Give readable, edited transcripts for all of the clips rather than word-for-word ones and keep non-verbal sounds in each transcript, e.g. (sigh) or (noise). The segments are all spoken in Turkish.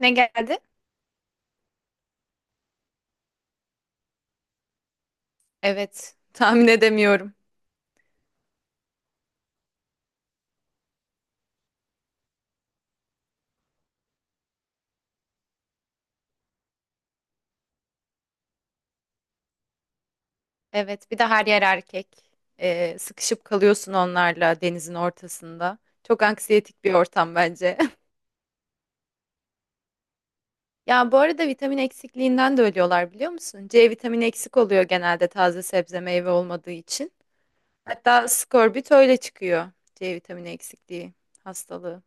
Ne geldi? Evet, tahmin edemiyorum. Evet, bir de her yer erkek. Sıkışıp kalıyorsun onlarla denizin ortasında. Çok anksiyetik bir ortam bence. (laughs) Ya bu arada vitamin eksikliğinden de ölüyorlar biliyor musun? C vitamini eksik oluyor genelde taze sebze meyve olmadığı için. Hatta skorbut öyle çıkıyor. C vitamini eksikliği hastalığı.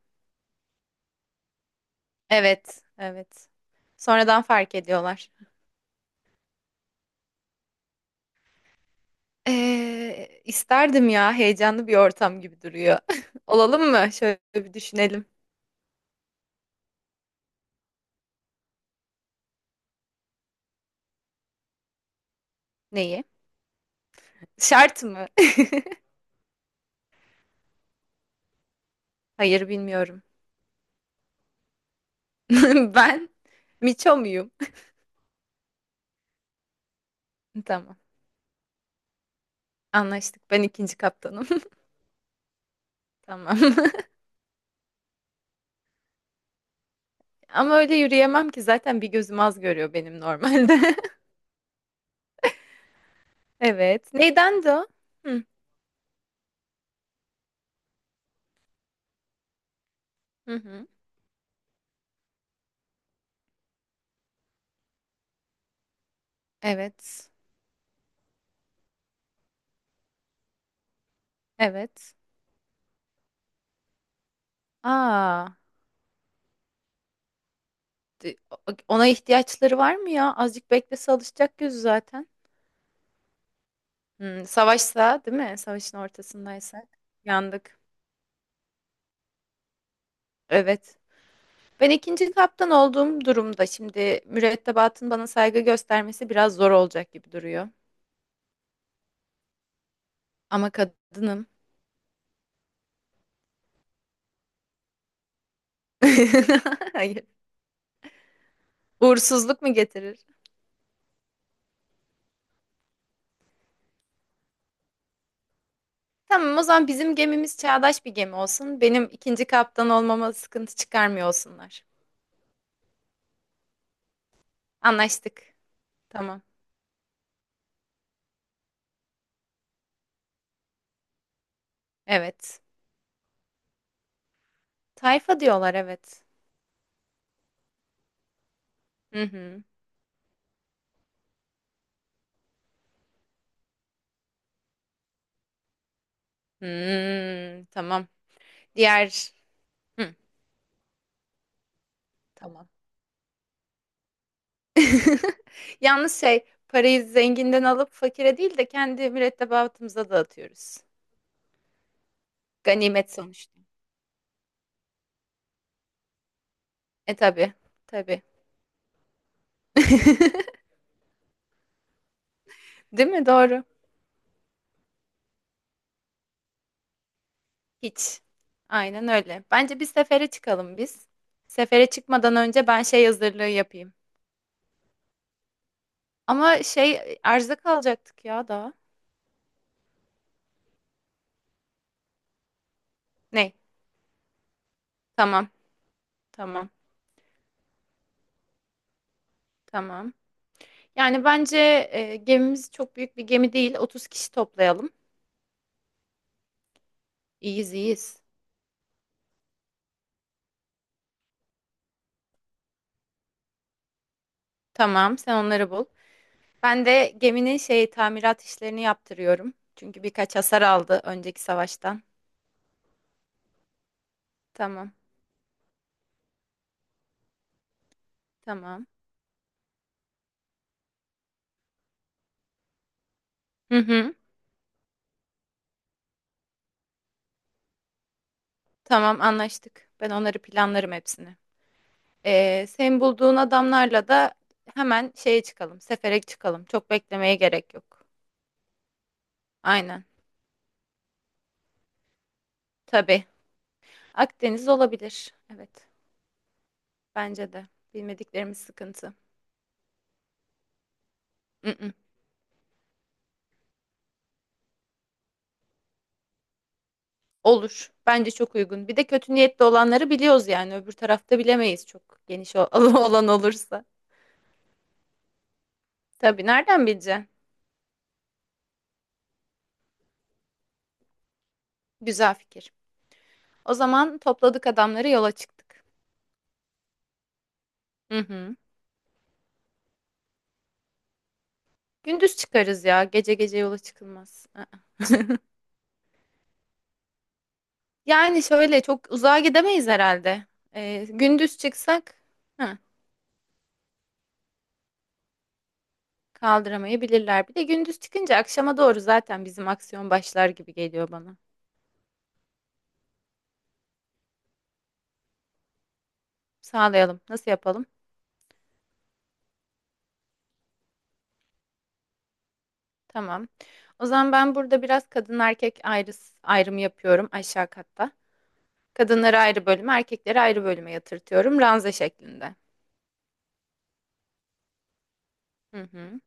Evet, evet. Sonradan fark ediyorlar. İsterdim ya, heyecanlı bir ortam gibi duruyor. (laughs) Olalım mı? Şöyle bir düşünelim. Neyi? Şart mı? (laughs) Hayır, bilmiyorum. (laughs) Ben Miço muyum? (laughs) Tamam. Anlaştık. Ben ikinci kaptanım. (laughs) Tamam. (laughs) Ama öyle yürüyemem ki, zaten bir gözüm az görüyor benim normalde. (laughs) Evet. Neyden de o? Hı hı. Hı. Evet. Evet. Aa, d- ona ihtiyaçları var mı ya? Azıcık beklese alışacak gözü zaten. Hmm, savaşsa, değil mi? Savaşın ortasındaysak yandık. Evet. Ben ikinci kaptan olduğum durumda şimdi mürettebatın bana saygı göstermesi biraz zor olacak gibi duruyor. Ama kadınım. (laughs) Hayır. Uğursuzluk mu getirir? Tamam, o zaman bizim gemimiz çağdaş bir gemi olsun. Benim ikinci kaptan olmama sıkıntı çıkarmıyor olsunlar. Anlaştık. Tamam. Evet. Tayfa diyorlar, evet. Hı hı. Hmm, tamam. Diğer... Hı, tamam. (laughs) Yalnız şey, parayı zenginden alıp fakire değil de kendi mürettebatımıza dağıtıyoruz. Ganimet sonuçta. E tabii. Tabii. (laughs) Değil mi? Doğru. Hiç. Aynen öyle. Bence bir sefere çıkalım biz. Sefere çıkmadan önce ben şey hazırlığı yapayım. Ama şey, arıza kalacaktık ya daha. Ne? Tamam. Tamam. Tamam. Yani bence, gemimiz çok büyük bir gemi değil. 30 kişi toplayalım. İyiyiz, iyiyiz. Tamam, sen onları bul. Ben de geminin şey tamirat işlerini yaptırıyorum. Çünkü birkaç hasar aldı önceki savaştan. Tamam, tamam. Hı hı. Tamam, anlaştık. Ben onları planlarım hepsini. Senin bulduğun adamlarla da hemen şeye çıkalım. Sefere çıkalım. Çok beklemeye gerek yok. Aynen. Tabii. Akdeniz olabilir. Evet. Bence de. Bilmediklerimiz sıkıntı. Hı hı. Olur. Bence çok uygun. Bir de kötü niyetli olanları biliyoruz yani. Öbür tarafta bilemeyiz, çok geniş (laughs) alan olursa. Tabii, nereden bileceksin? Güzel fikir. O zaman topladık adamları, yola çıktık. Hı hı. Gündüz çıkarız ya. Gece gece yola çıkılmaz. Aa. Yani şöyle çok uzağa gidemeyiz herhalde. Gündüz çıksak, hı, kaldıramayabilirler. Bir de gündüz çıkınca akşama doğru zaten bizim aksiyon başlar gibi geliyor bana. Sağlayalım. Nasıl yapalım? Tamam. O zaman ben burada biraz kadın erkek ayrı, ayrımı yapıyorum aşağı katta. Kadınları ayrı bölüme, erkekleri ayrı bölüme yatırtıyorum ranza şeklinde. Hı hı.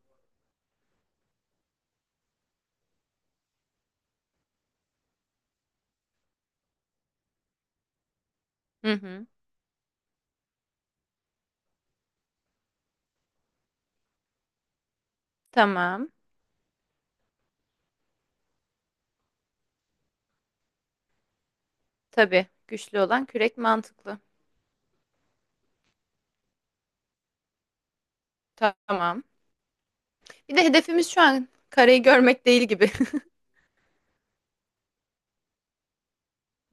Hı hı. Tamam. Tabii. Güçlü olan kürek mantıklı. Tamam. Bir de hedefimiz şu an karayı görmek değil gibi.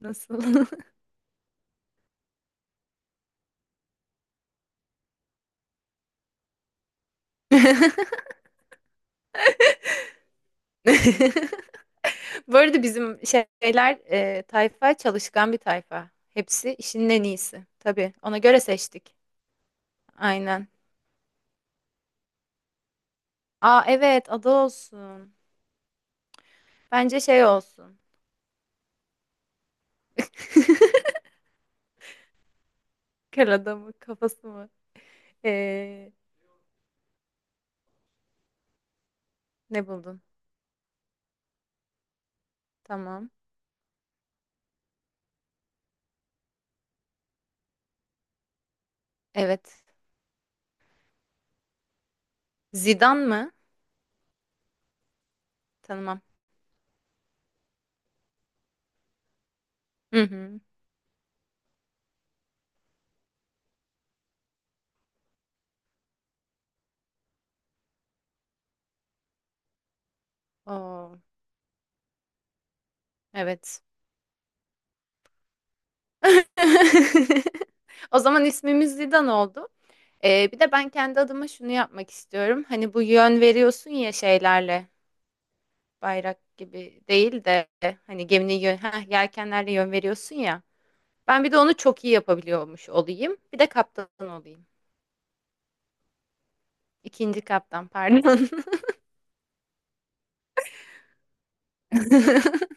(laughs) Nasıl? (laughs) Bu arada bizim şeyler, tayfa çalışkan bir tayfa. Hepsi işinin en iyisi. Tabii. Ona göre seçtik. Aynen. Aa, evet, adı olsun. Bence şey olsun. (laughs) Kar adamı kafası mı? Ee, Ne buldun? Tamam. Evet. Zidane mı? Tanımam. Hı hı. Oo, evet. (laughs) O zaman ismimiz Zidane oldu. Bir de ben kendi adıma şunu yapmak istiyorum. Hani bu yön veriyorsun ya şeylerle, bayrak gibi değil de hani geminin yön, yelkenlerle yön veriyorsun ya. Ben bir de onu çok iyi yapabiliyormuş olayım. Bir de kaptan olayım. İkinci kaptan, pardon. (laughs)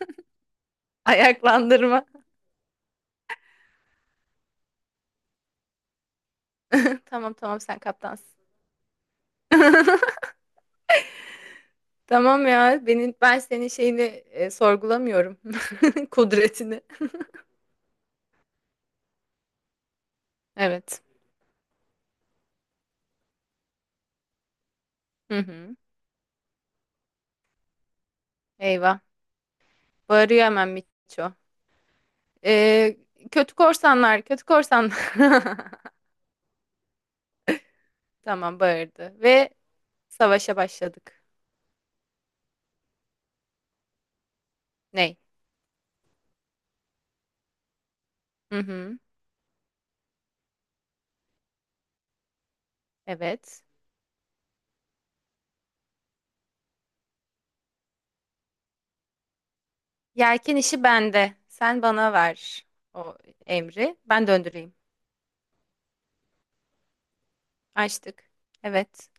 Ayaklandırma. (laughs) Tamam, tamam, sen kaptansın. (laughs) Tamam ya, ben senin şeyini, sorgulamıyorum. (laughs) Kudretini. Evet. Hı hı. Eyvah. Bağırıyor hemen Miço. Ee, Kötü korsanlar, kötü korsanlar. (laughs) Tamam, bağırdı. Ve savaşa başladık. Ney? Hı hı. Evet. Yelken işi bende. Sen bana ver o emri. Ben döndüreyim. Açtık. Evet.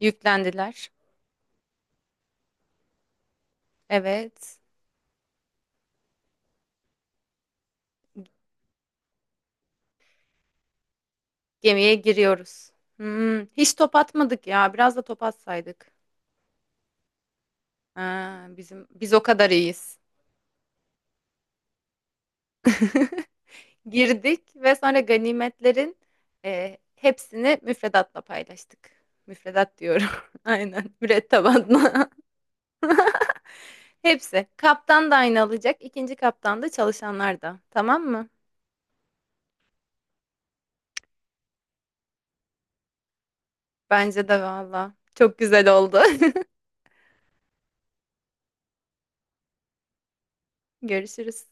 Yüklendiler. Evet. Gemiye giriyoruz. Hmm, hiç top atmadık ya. Biraz da top atsaydık. Ha, biz o kadar iyiyiz. (laughs) Girdik ve sonra ganimetlerin, hepsini müfredatla paylaştık. Müfredat diyorum. (laughs) Aynen. Mürettebatla. (laughs) Hepsi. Kaptan da aynı alacak, ikinci kaptan da, çalışanlar da. Tamam mı? Bence de valla. Çok güzel oldu. (laughs) Görüşürüz.